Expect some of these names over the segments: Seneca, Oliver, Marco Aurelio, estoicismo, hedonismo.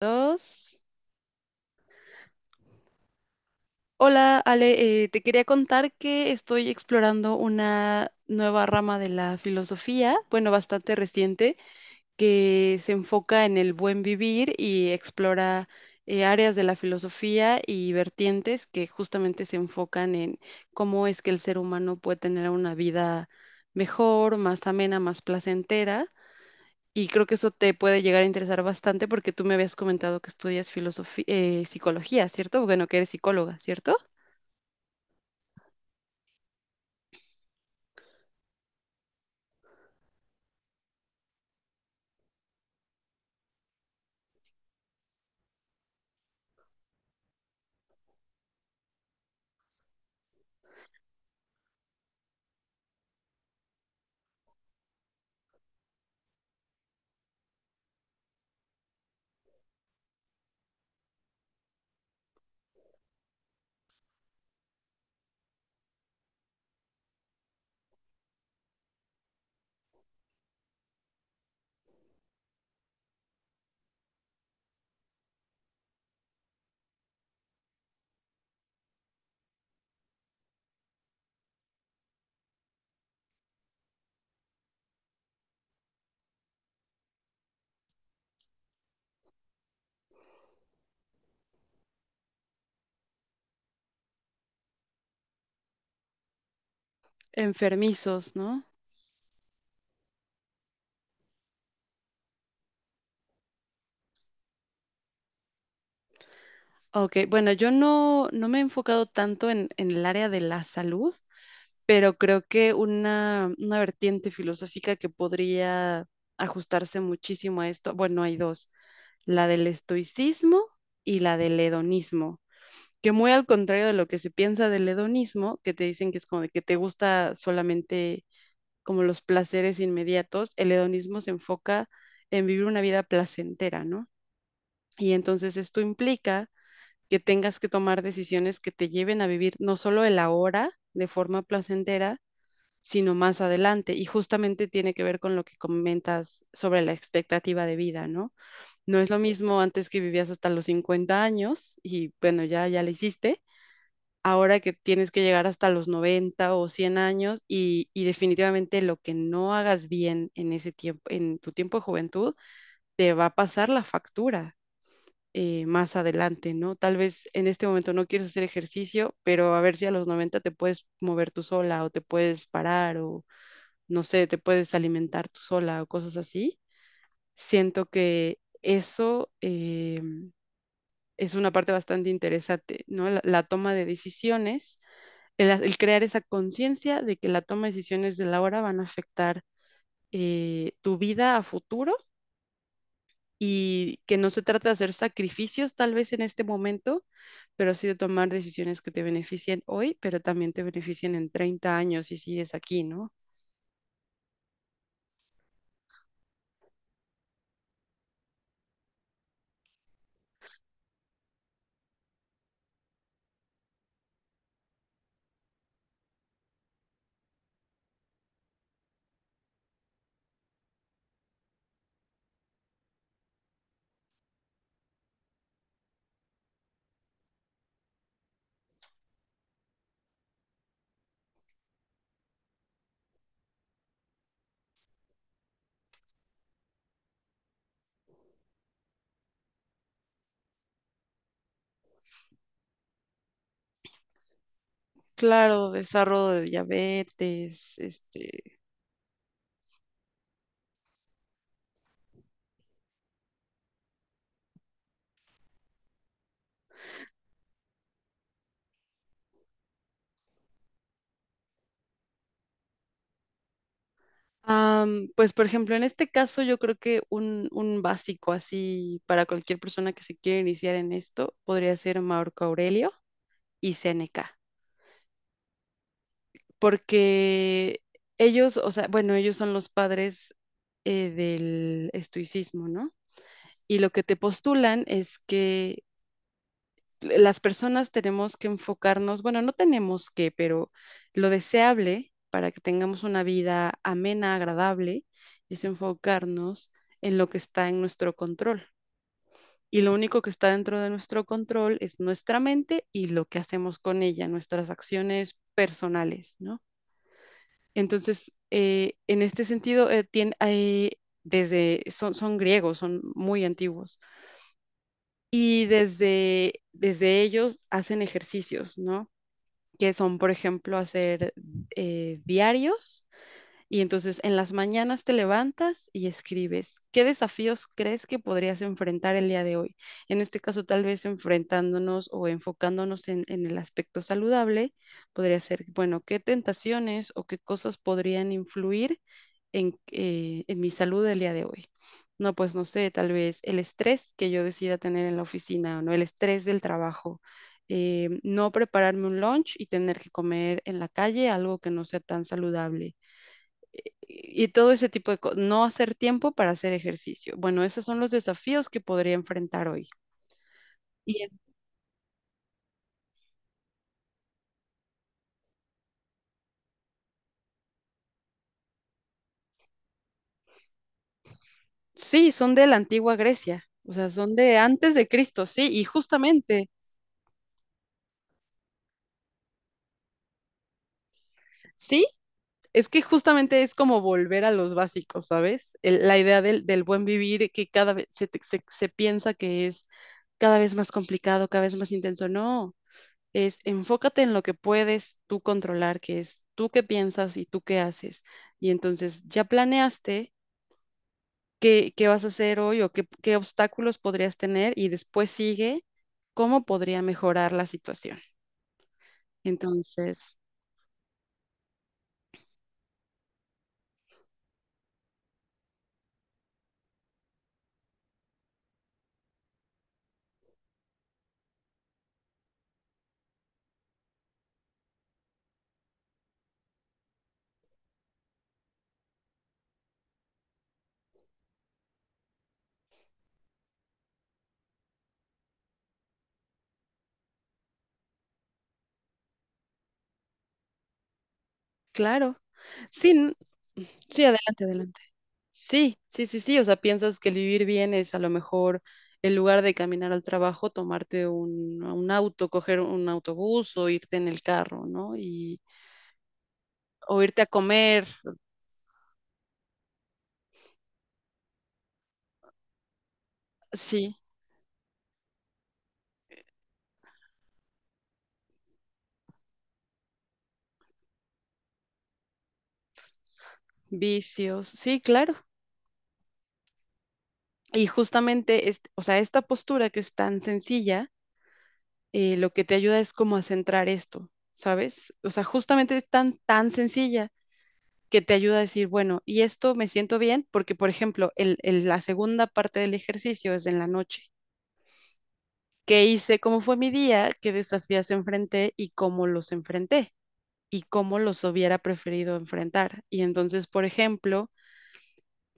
Dos. Hola, Ale, te quería contar que estoy explorando una nueva rama de la filosofía, bueno, bastante reciente, que se enfoca en el buen vivir y explora áreas de la filosofía y vertientes que justamente se enfocan en cómo es que el ser humano puede tener una vida mejor, más amena, más placentera. Y creo que eso te puede llegar a interesar bastante porque tú me habías comentado que estudias filosofía, psicología, ¿cierto? Bueno, que eres psicóloga, ¿cierto? Enfermizos, ¿no? Ok, bueno, yo no me he enfocado tanto en el área de la salud, pero creo que una vertiente filosófica que podría ajustarse muchísimo a esto, bueno, hay dos, la del estoicismo y la del hedonismo que muy al contrario de lo que se piensa del hedonismo, que te dicen que es como de que te gusta solamente como los placeres inmediatos, el hedonismo se enfoca en vivir una vida placentera, ¿no? Y entonces esto implica que tengas que tomar decisiones que te lleven a vivir no solo el ahora de forma placentera, sino más adelante. Y justamente tiene que ver con lo que comentas sobre la expectativa de vida, ¿no? No es lo mismo antes que vivías hasta los 50 años y bueno, ya la hiciste ahora que tienes que llegar hasta los 90 o 100 años y definitivamente lo que no hagas bien en ese tiempo, en tu tiempo de juventud, te va a pasar la factura más adelante, ¿no? Tal vez en este momento no quieres hacer ejercicio, pero a ver si a los 90 te puedes mover tú sola o te puedes parar o no sé, te puedes alimentar tú sola o cosas así. Siento que eso es una parte bastante interesante, ¿no? La toma de decisiones, el crear esa conciencia de que la toma de decisiones de la hora van a afectar tu vida a futuro y que no se trata de hacer sacrificios tal vez en este momento, pero sí de tomar decisiones que te beneficien hoy, pero también te beneficien en 30 años si sigues aquí, ¿no? Claro, desarrollo de diabetes, este, pues por ejemplo, en este caso yo creo que un básico así para cualquier persona que se quiera iniciar en esto podría ser Marco Aurelio y Seneca. Porque ellos, o sea, bueno, ellos son los padres del estoicismo, ¿no? Y lo que te postulan es que las personas tenemos que enfocarnos, bueno, no tenemos que, pero lo deseable para que tengamos una vida amena, agradable, es enfocarnos en lo que está en nuestro control. Y lo único que está dentro de nuestro control es nuestra mente y lo que hacemos con ella, nuestras acciones personales, ¿no? Entonces, en este sentido, desde, son griegos, son muy antiguos. Y desde ellos hacen ejercicios, ¿no? Que son, por ejemplo, hacer diarios. Y entonces en las mañanas te levantas y escribes, ¿qué desafíos crees que podrías enfrentar el día de hoy? En este caso, tal vez enfrentándonos o enfocándonos en el aspecto saludable, podría ser, bueno, ¿qué tentaciones o qué cosas podrían influir en mi salud el día de hoy? No, pues no sé, tal vez el estrés que yo decida tener en la oficina, ¿no? El estrés del trabajo, no prepararme un lunch y tener que comer en la calle algo que no sea tan saludable. Y todo ese tipo de cosas, no hacer tiempo para hacer ejercicio. Bueno, esos son los desafíos que podría enfrentar hoy. Y en- sí, son de la antigua Grecia, o sea, son de antes de Cristo, sí, y justamente, sí. Es que justamente es como volver a los básicos, ¿sabes? La idea del buen vivir que cada vez se piensa que es cada vez más complicado, cada vez más intenso. No, es enfócate en lo que puedes tú controlar, que es tú qué piensas y tú qué haces. Y entonces ya planeaste qué vas a hacer hoy o qué obstáculos podrías tener y después sigue cómo podría mejorar la situación. Entonces, claro, sí, sí, adelante, adelante. Sí, sí, sí, sí. O sea, piensas que el vivir bien es a lo mejor en lugar de caminar al trabajo, tomarte un auto, coger un autobús o irte en el carro, ¿no? Y, o irte a comer, sí, vicios, sí, claro. Y justamente, o sea, esta postura que es tan sencilla, lo que te ayuda es como a centrar esto, ¿sabes? O sea, justamente es tan sencilla que te ayuda a decir, bueno, y esto me siento bien, porque, por ejemplo, la segunda parte del ejercicio es en la noche. Qué hice, cómo fue mi día, qué desafíos enfrenté y cómo los enfrenté y cómo los hubiera preferido enfrentar. Y entonces, por ejemplo,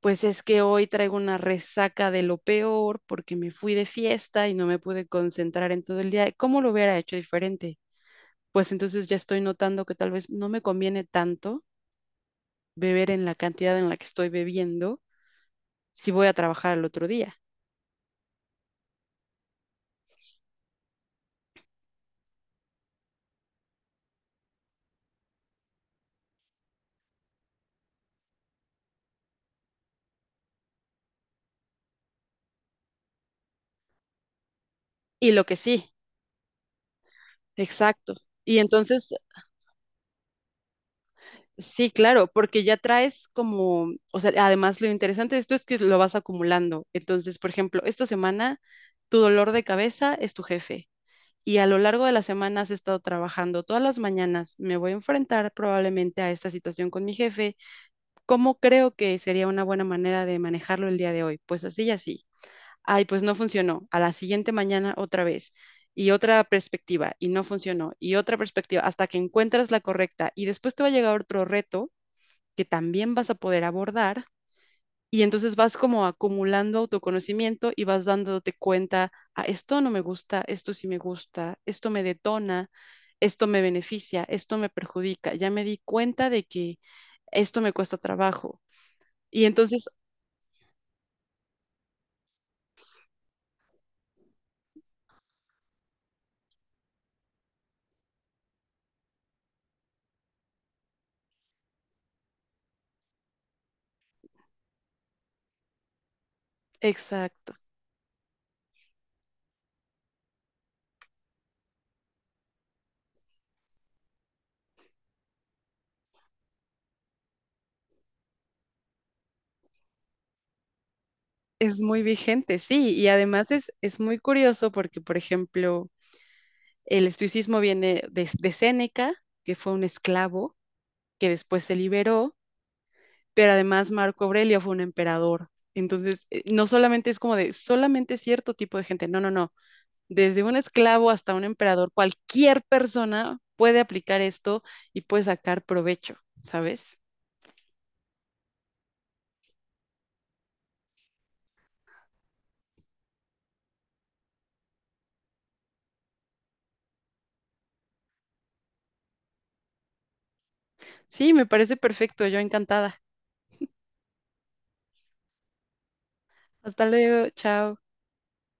pues es que hoy traigo una resaca de lo peor porque me fui de fiesta y no me pude concentrar en todo el día. ¿Cómo lo hubiera hecho diferente? Pues entonces ya estoy notando que tal vez no me conviene tanto beber en la cantidad en la que estoy bebiendo si voy a trabajar el otro día. Y lo que sí, exacto. Y entonces sí, claro, porque ya traes como, o sea, además lo interesante de esto es que lo vas acumulando. Entonces, por ejemplo, esta semana tu dolor de cabeza es tu jefe y a lo largo de la semana has estado trabajando todas las mañanas. Me voy a enfrentar probablemente a esta situación con mi jefe. ¿Cómo creo que sería una buena manera de manejarlo el día de hoy? Pues así y así. Ay, pues no funcionó. A la siguiente mañana otra vez y otra perspectiva y no funcionó y otra perspectiva hasta que encuentras la correcta y después te va a llegar otro reto que también vas a poder abordar. Y entonces vas como acumulando autoconocimiento y vas dándote cuenta, ah, esto no me gusta, esto sí me gusta, esto me detona, esto me beneficia, esto me perjudica. Ya me di cuenta de que esto me cuesta trabajo. Y entonces, exacto, es muy vigente, sí. Y además es muy curioso porque, por ejemplo, el estoicismo viene de Séneca, que fue un esclavo que después se liberó, pero además Marco Aurelio fue un emperador. Entonces, no solamente es como de solamente cierto tipo de gente, no, no, no. Desde un esclavo hasta un emperador, cualquier persona puede aplicar esto y puede sacar provecho, ¿sabes? Sí, me parece perfecto, yo encantada. Hasta luego, chao.